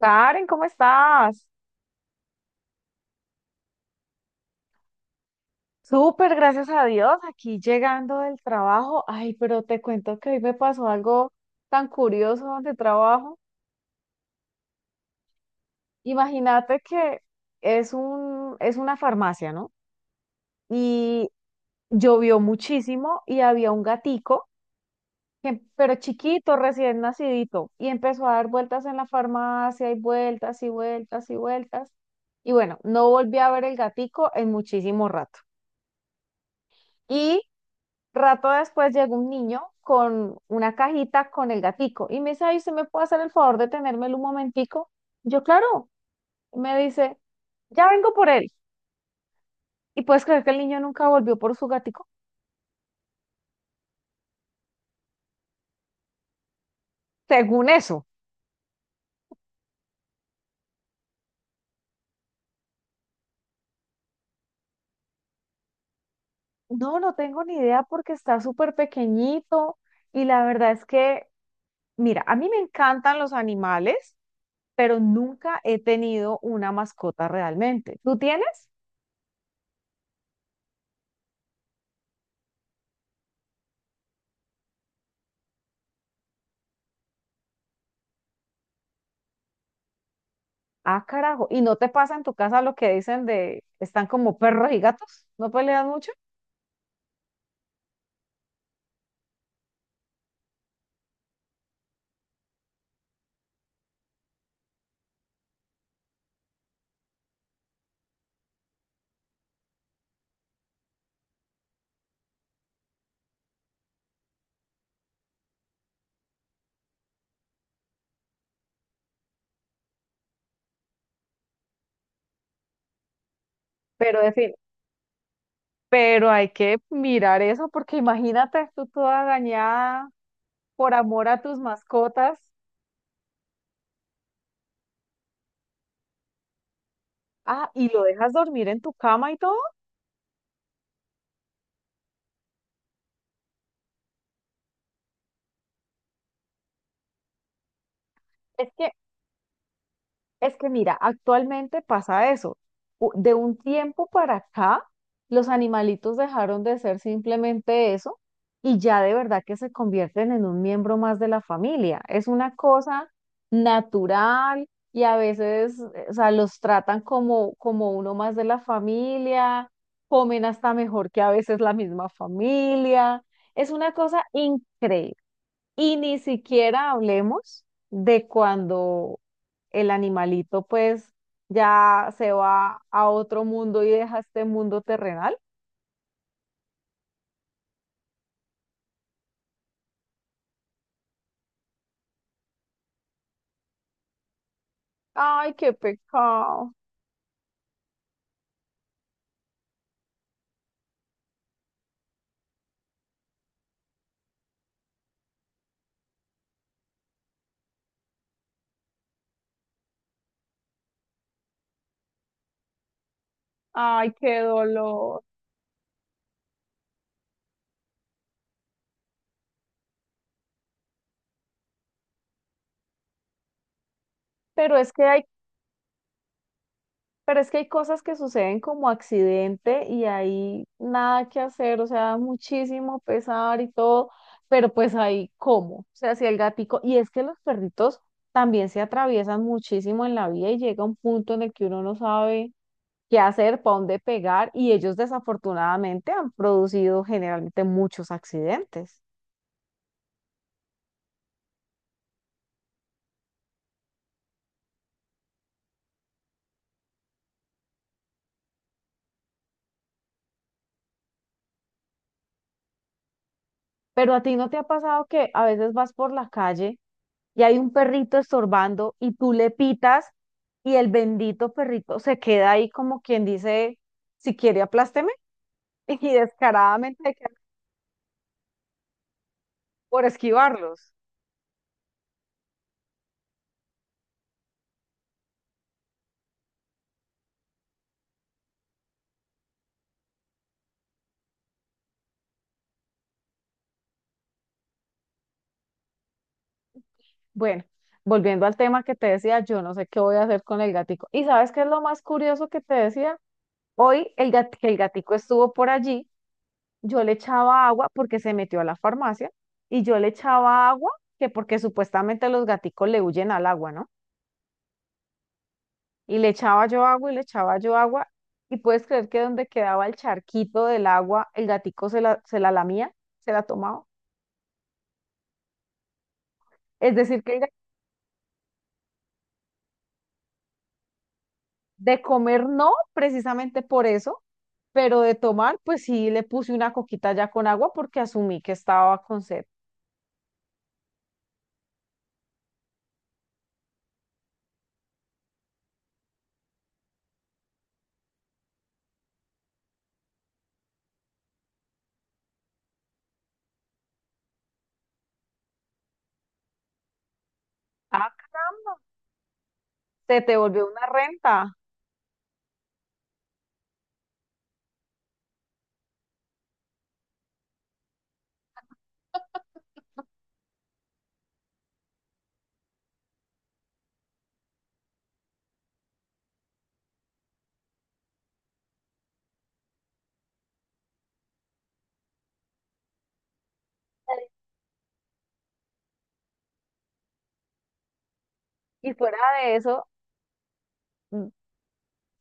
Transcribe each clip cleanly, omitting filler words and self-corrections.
Karen, ¿cómo estás? Súper, gracias a Dios, aquí llegando del trabajo. Ay, pero te cuento que hoy me pasó algo tan curioso donde trabajo. Imagínate que es una farmacia, ¿no? Y llovió muchísimo y había un gatico, pero chiquito, recién nacidito, y empezó a dar vueltas en la farmacia y vueltas y vueltas y vueltas. Y bueno, no volví a ver el gatico en muchísimo rato. Rato después llegó un niño con una cajita con el gatico y me dice, ay, ¿usted me puede hacer el favor de tenérmelo un momentico? Yo, claro, me dice, ya vengo por él. Y puedes creer que el niño nunca volvió por su gatico, según eso. No, no tengo ni idea porque está súper pequeñito y la verdad es que, mira, a mí me encantan los animales, pero nunca he tenido una mascota realmente. ¿Tú tienes? Ah, carajo. ¿Y no te pasa en tu casa lo que dicen de están como perros y gatos? No pelean mucho, pero en fin, pero hay que mirar eso porque imagínate tú toda dañada por amor a tus mascotas. Ah, y lo dejas dormir en tu cama y todo. Es que Es que mira, actualmente pasa eso. De un tiempo para acá, los animalitos dejaron de ser simplemente eso y ya de verdad que se convierten en un miembro más de la familia. Es una cosa natural y a veces, o sea, los tratan como, como uno más de la familia, comen hasta mejor que a veces la misma familia. Es una cosa increíble. Y ni siquiera hablemos de cuando el animalito pues ya se va a otro mundo y deja este mundo terrenal. Ay, qué pecado. Ay, qué dolor. Pero es que hay, pero es que hay cosas que suceden como accidente y hay nada que hacer, o sea, muchísimo pesar y todo, pero pues ahí cómo. O sea, si el gatico, y es que los perritos también se atraviesan muchísimo en la vida y llega un punto en el que uno no sabe qué hacer, para dónde pegar, y ellos desafortunadamente han producido generalmente muchos accidentes. Pero a ti no te ha pasado que a veces vas por la calle y hay un perrito estorbando y tú le pitas y el bendito perrito se queda ahí como quien dice, si quiere aplásteme, y descaradamente hay que- por esquivarlos. Bueno, volviendo al tema que te decía, yo no sé qué voy a hacer con el gatico. ¿Y sabes qué es lo más curioso que te decía? Hoy que el gatico estuvo por allí, yo le echaba agua porque se metió a la farmacia y yo le echaba agua que porque supuestamente los gaticos le huyen al agua, ¿no? Y le echaba yo agua y le echaba yo agua y puedes creer que donde quedaba el charquito del agua, el gatico se la lamía, se la tomaba. Es decir, que de comer no, precisamente por eso, pero de tomar, pues sí le puse una coquita ya con agua porque asumí que estaba con sed. Ah, caramba, se te volvió una renta. Y fuera de eso,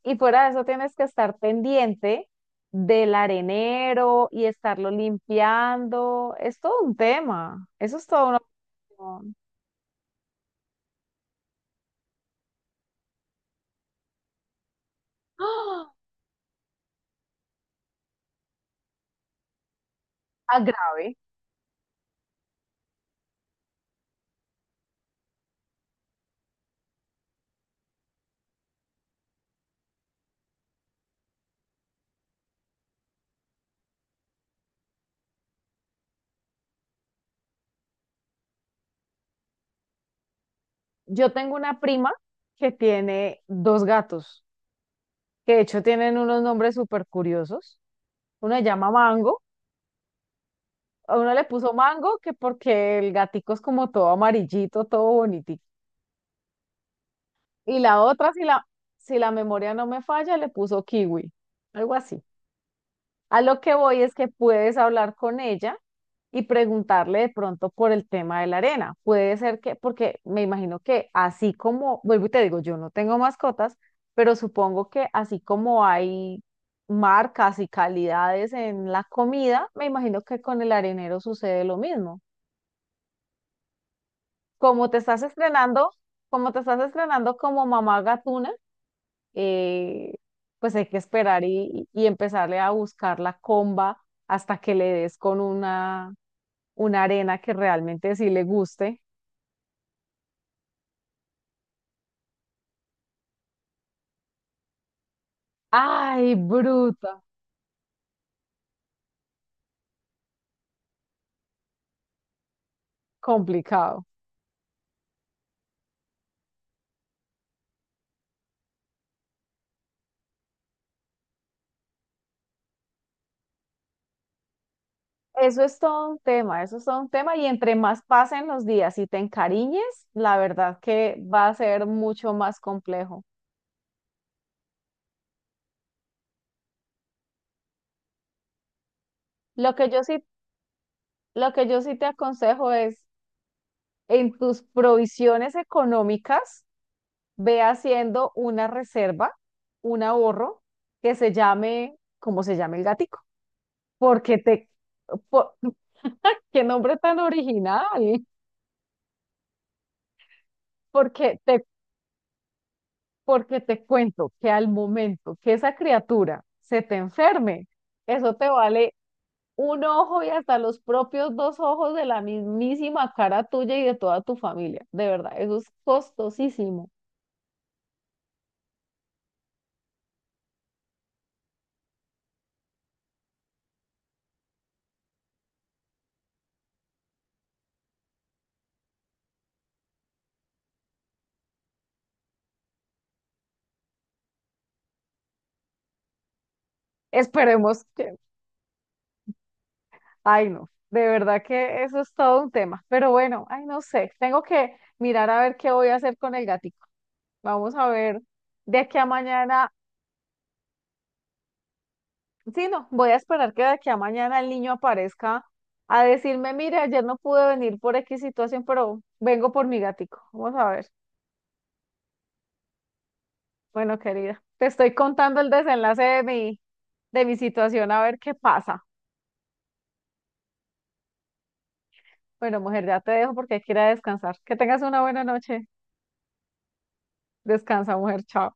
Y fuera de eso tienes que estar pendiente del arenero y estarlo limpiando. Es todo un tema. Eso es todo una cuestión. ¡Ah! Ah, grave. Yo tengo una prima que tiene dos gatos, que de hecho tienen unos nombres súper curiosos. Uno se llama Mango. A uno le puso Mango que porque el gatico es como todo amarillito, todo bonitito. Y la otra, si la memoria no me falla, le puso Kiwi. Algo así. A lo que voy es que puedes hablar con ella y preguntarle de pronto por el tema de la arena. Puede ser que, porque me imagino que así como, vuelvo y te digo, yo no tengo mascotas, pero supongo que así como hay marcas y calidades en la comida, me imagino que con el arenero sucede lo mismo. Como te estás estrenando, como te estás estrenando como mamá gatuna, eh, pues hay que esperar y empezarle a buscar la comba hasta que le des con una arena que realmente sí le guste. Ay, bruta, complicado. Eso es todo un tema, eso es todo un tema y entre más pasen los días y te encariñes, la verdad que va a ser mucho más complejo. Lo que yo sí, lo que yo sí te aconsejo es en tus provisiones económicas, ve haciendo una reserva, un ahorro que se llame, como se llame el gatico, porque te, por- qué nombre tan original, porque te, porque te cuento que al momento que esa criatura se te enferme, eso te vale un ojo y hasta los propios dos ojos de la mismísima cara tuya y de toda tu familia. De verdad, eso es costosísimo. Esperemos que, ay, no, de verdad que eso es todo un tema, pero bueno, ay, no sé, tengo que mirar a ver qué voy a hacer con el gatico. Vamos a ver de aquí a mañana, sí, no, voy a esperar que de aquí a mañana el niño aparezca a decirme, mire, ayer no pude venir por X situación, pero vengo por mi gatico. Vamos a ver. Bueno, querida, te estoy contando el desenlace de de mi situación, a ver qué pasa. Bueno, mujer, ya te dejo porque hay que ir a descansar. Que tengas una buena noche. Descansa, mujer, chao.